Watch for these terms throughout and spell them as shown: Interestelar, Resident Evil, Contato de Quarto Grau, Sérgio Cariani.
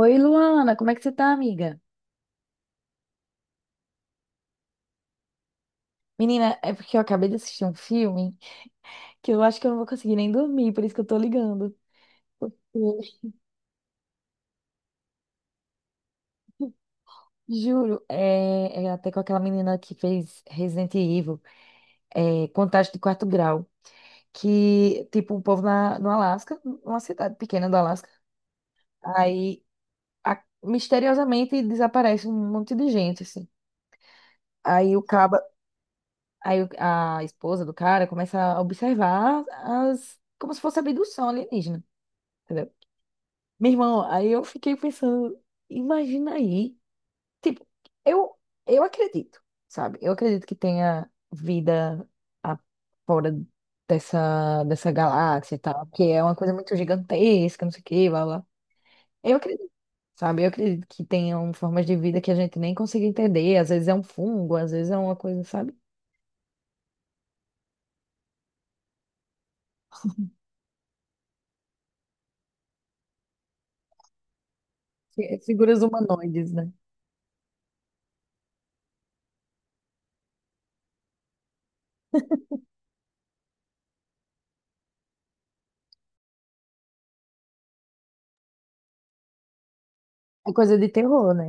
Oi, Luana, como é que você tá, amiga? Menina, é porque eu acabei de assistir um filme que eu acho que eu não vou conseguir nem dormir, por isso que eu tô ligando. Hum. Juro, é até com aquela menina que fez Resident Evil, é, Contato de Quarto Grau, que, tipo, o povo no Alasca, uma cidade pequena do Alasca, aí misteriosamente desaparece um monte de gente, assim. Aí o caba, aí o- a esposa do cara começa a observar as, como se fosse abdução alienígena. Entendeu? Meu irmão, aí eu fiquei pensando, imagina aí, tipo, eu, eu acredito, sabe? Eu acredito que tenha vida a- fora dessa galáxia e tal, que é uma coisa muito gigantesca, não sei o que, blá, blá. Eu acredito, sabe? Eu acredito que tenham formas de vida que a gente nem consegue entender, às vezes é um fungo, às vezes é uma coisa, sabe? Figuras humanoides, né? É coisa de terror, né?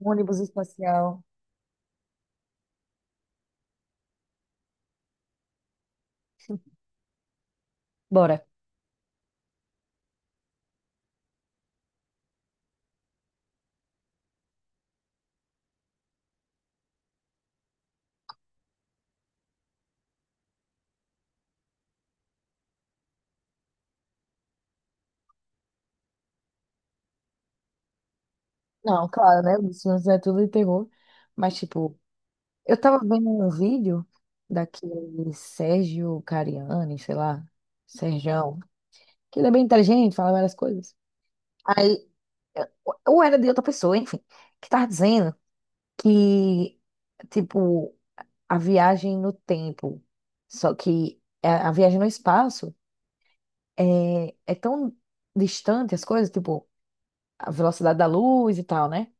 Um ônibus espacial. Bora. Não, claro, né? Os filmes é tudo de terror. Mas, tipo, eu tava vendo um vídeo daquele Sérgio Cariani, sei lá, Serjão, que ele é bem inteligente, fala várias coisas. Aí, ou era de outra pessoa, enfim, que tava dizendo que, tipo, a viagem no tempo, só que a viagem no espaço é tão distante as coisas, tipo, a velocidade da luz e tal, né?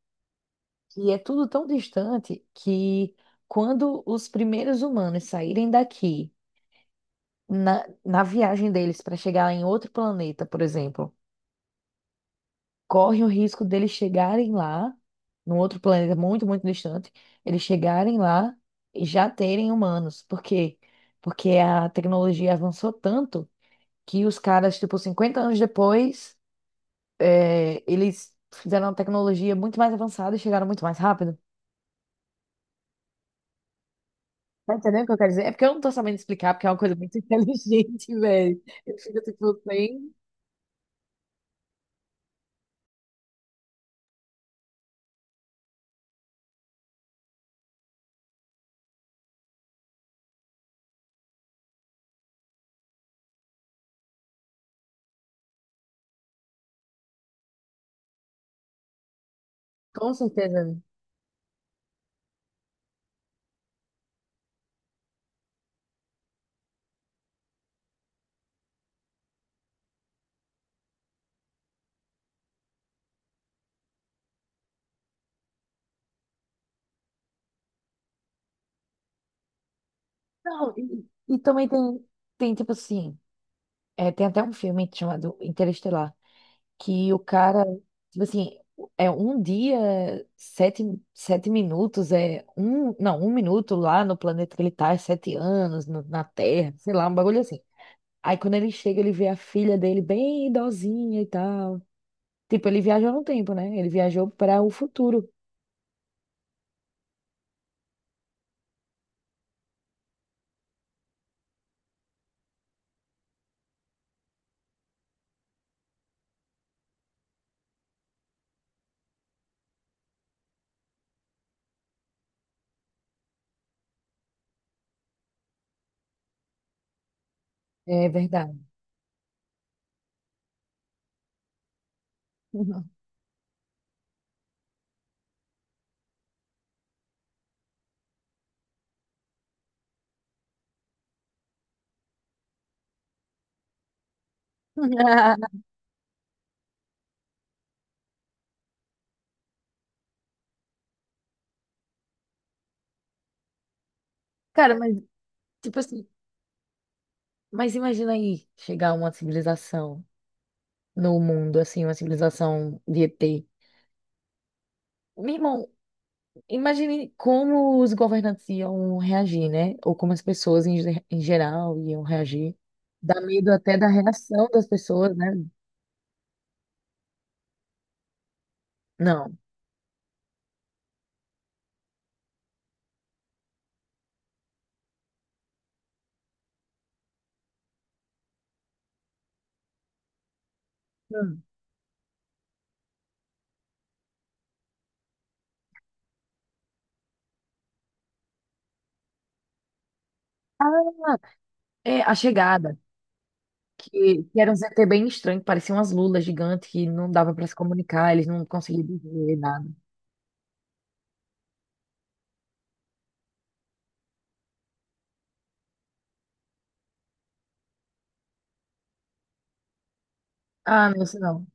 E é tudo tão distante que quando os primeiros humanos saírem daqui na viagem deles para chegar em outro planeta, por exemplo, corre o risco deles chegarem lá, num outro planeta muito, muito distante, eles chegarem lá e já terem humanos. Por quê? Porque a tecnologia avançou tanto que os caras, tipo, 50 anos depois, é, eles fizeram uma tecnologia muito mais avançada e chegaram muito mais rápido. Tá entendendo o que eu quero dizer? É porque eu não tô sabendo explicar, porque é uma coisa muito inteligente, velho. Eu fico, tipo, bem. Com certeza. Não, e também tem tipo assim, é, tem até um filme chamado Interestelar, que o cara, tipo assim, é um dia, sete, 7 minutos, é um, não, 1 minuto lá no planeta que ele tá, é 7 anos na Terra, sei lá, um bagulho assim. Aí quando ele chega, ele vê a filha dele bem idosinha e tal. Tipo, ele viajou no tempo, né? Ele viajou para o futuro. É verdade. Cara, mas, tipo assim, mas imagina aí chegar uma civilização, no mundo, assim, uma civilização de ET. Meu irmão, imagine como os governantes iam reagir, né? Ou como as pessoas em geral iam reagir. Dá medo até da reação das pessoas, né? Não. Hum. Ah, é a chegada, que era um ZT bem estranho, que parecia umas lulas gigantes que não dava para se comunicar, eles não conseguiam dizer nada. Ah, não, isso não.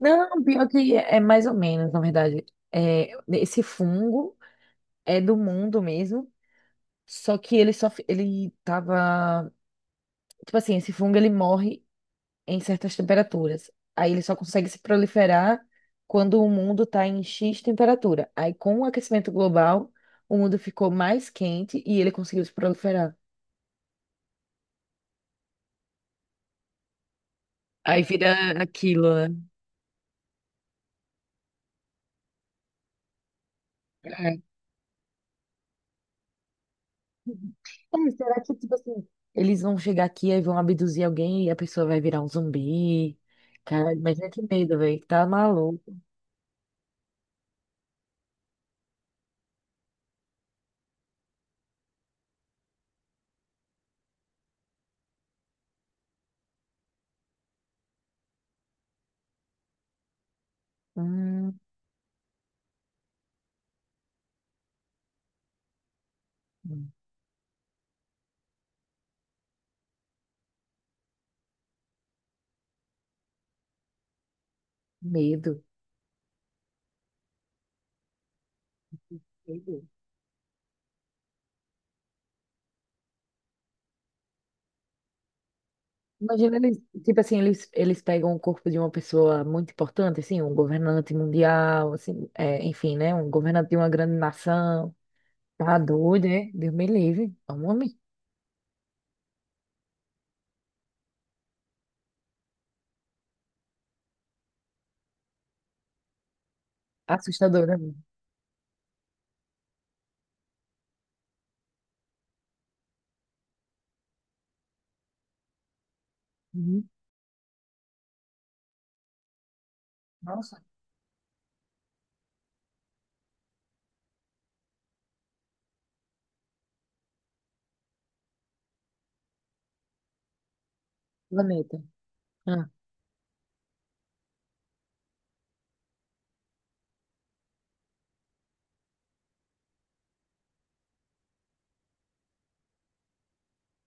Não, pior que é mais ou menos, na verdade. É, esse fungo é do mundo mesmo. Só que ele só, ele tava, tipo assim, esse fungo ele morre em certas temperaturas. Aí ele só consegue se proliferar quando o mundo tá em X temperatura. Aí com o aquecimento global, o mundo ficou mais quente e ele conseguiu se proliferar. Aí vira aquilo, né? É. É, será que, tipo assim, eles vão chegar aqui e vão abduzir alguém e a pessoa vai virar um zumbi? Cara, imagina que medo, velho. Tá maluco. Hum, Medo. Imagina eles, tipo assim, eles pegam o corpo de uma pessoa muito importante, assim, um governante mundial, assim, é, enfim, né? Um governante de uma grande nação. Tá doido, né? Deus me livre. É um homem. Assustador, né? Uhum. Nossa, planeta. Ah,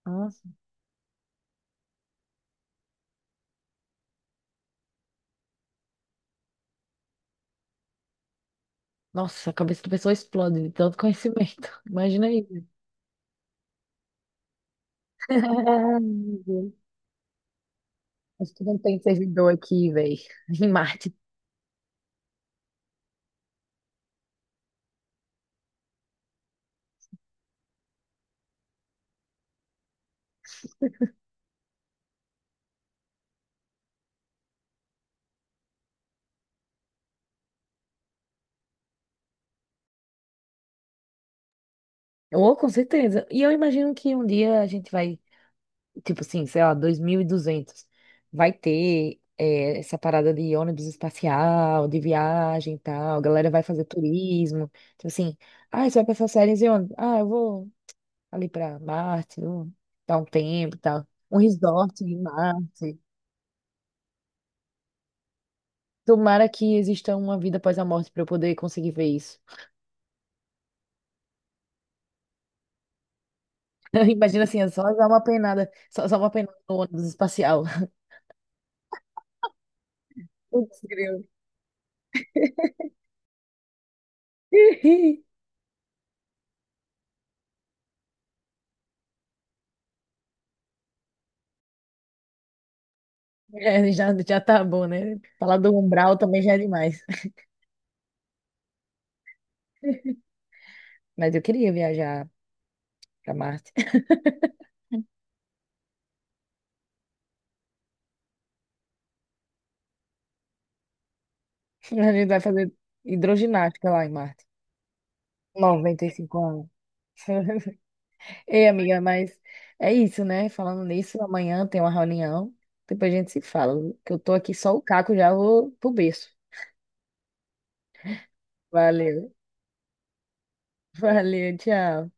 nossa. Nossa, a cabeça da pessoa explode de tanto conhecimento. Imagina aí. Meu Deus. Acho que não tem servidor aqui, velho. Em Marte. Ou, com certeza. E eu imagino que um dia a gente vai, tipo assim, sei lá, 2200. Vai ter é, essa parada de ônibus espacial, de viagem e tal. A galera vai fazer turismo. Tipo assim, ah, você vai pra essas séries e ônibus? Ah, eu vou ali pra Marte, vou dar um tempo e tal. Um resort em Marte. Tomara que exista uma vida após a morte pra eu poder conseguir ver isso. Imagina assim, é só dar uma penada, só uma penada no ônibus espacial. Putz, grilo. É, já, já tá bom, né? Falar do umbral também já é demais. Mas eu queria viajar pra Marte. A gente vai fazer hidroginástica lá em Marte. 95 anos. Ei, amiga, mas é isso, né? Falando nisso, amanhã tem uma reunião. Depois a gente se fala. Que eu tô aqui só o caco, já vou pro berço. Valeu, valeu, tchau.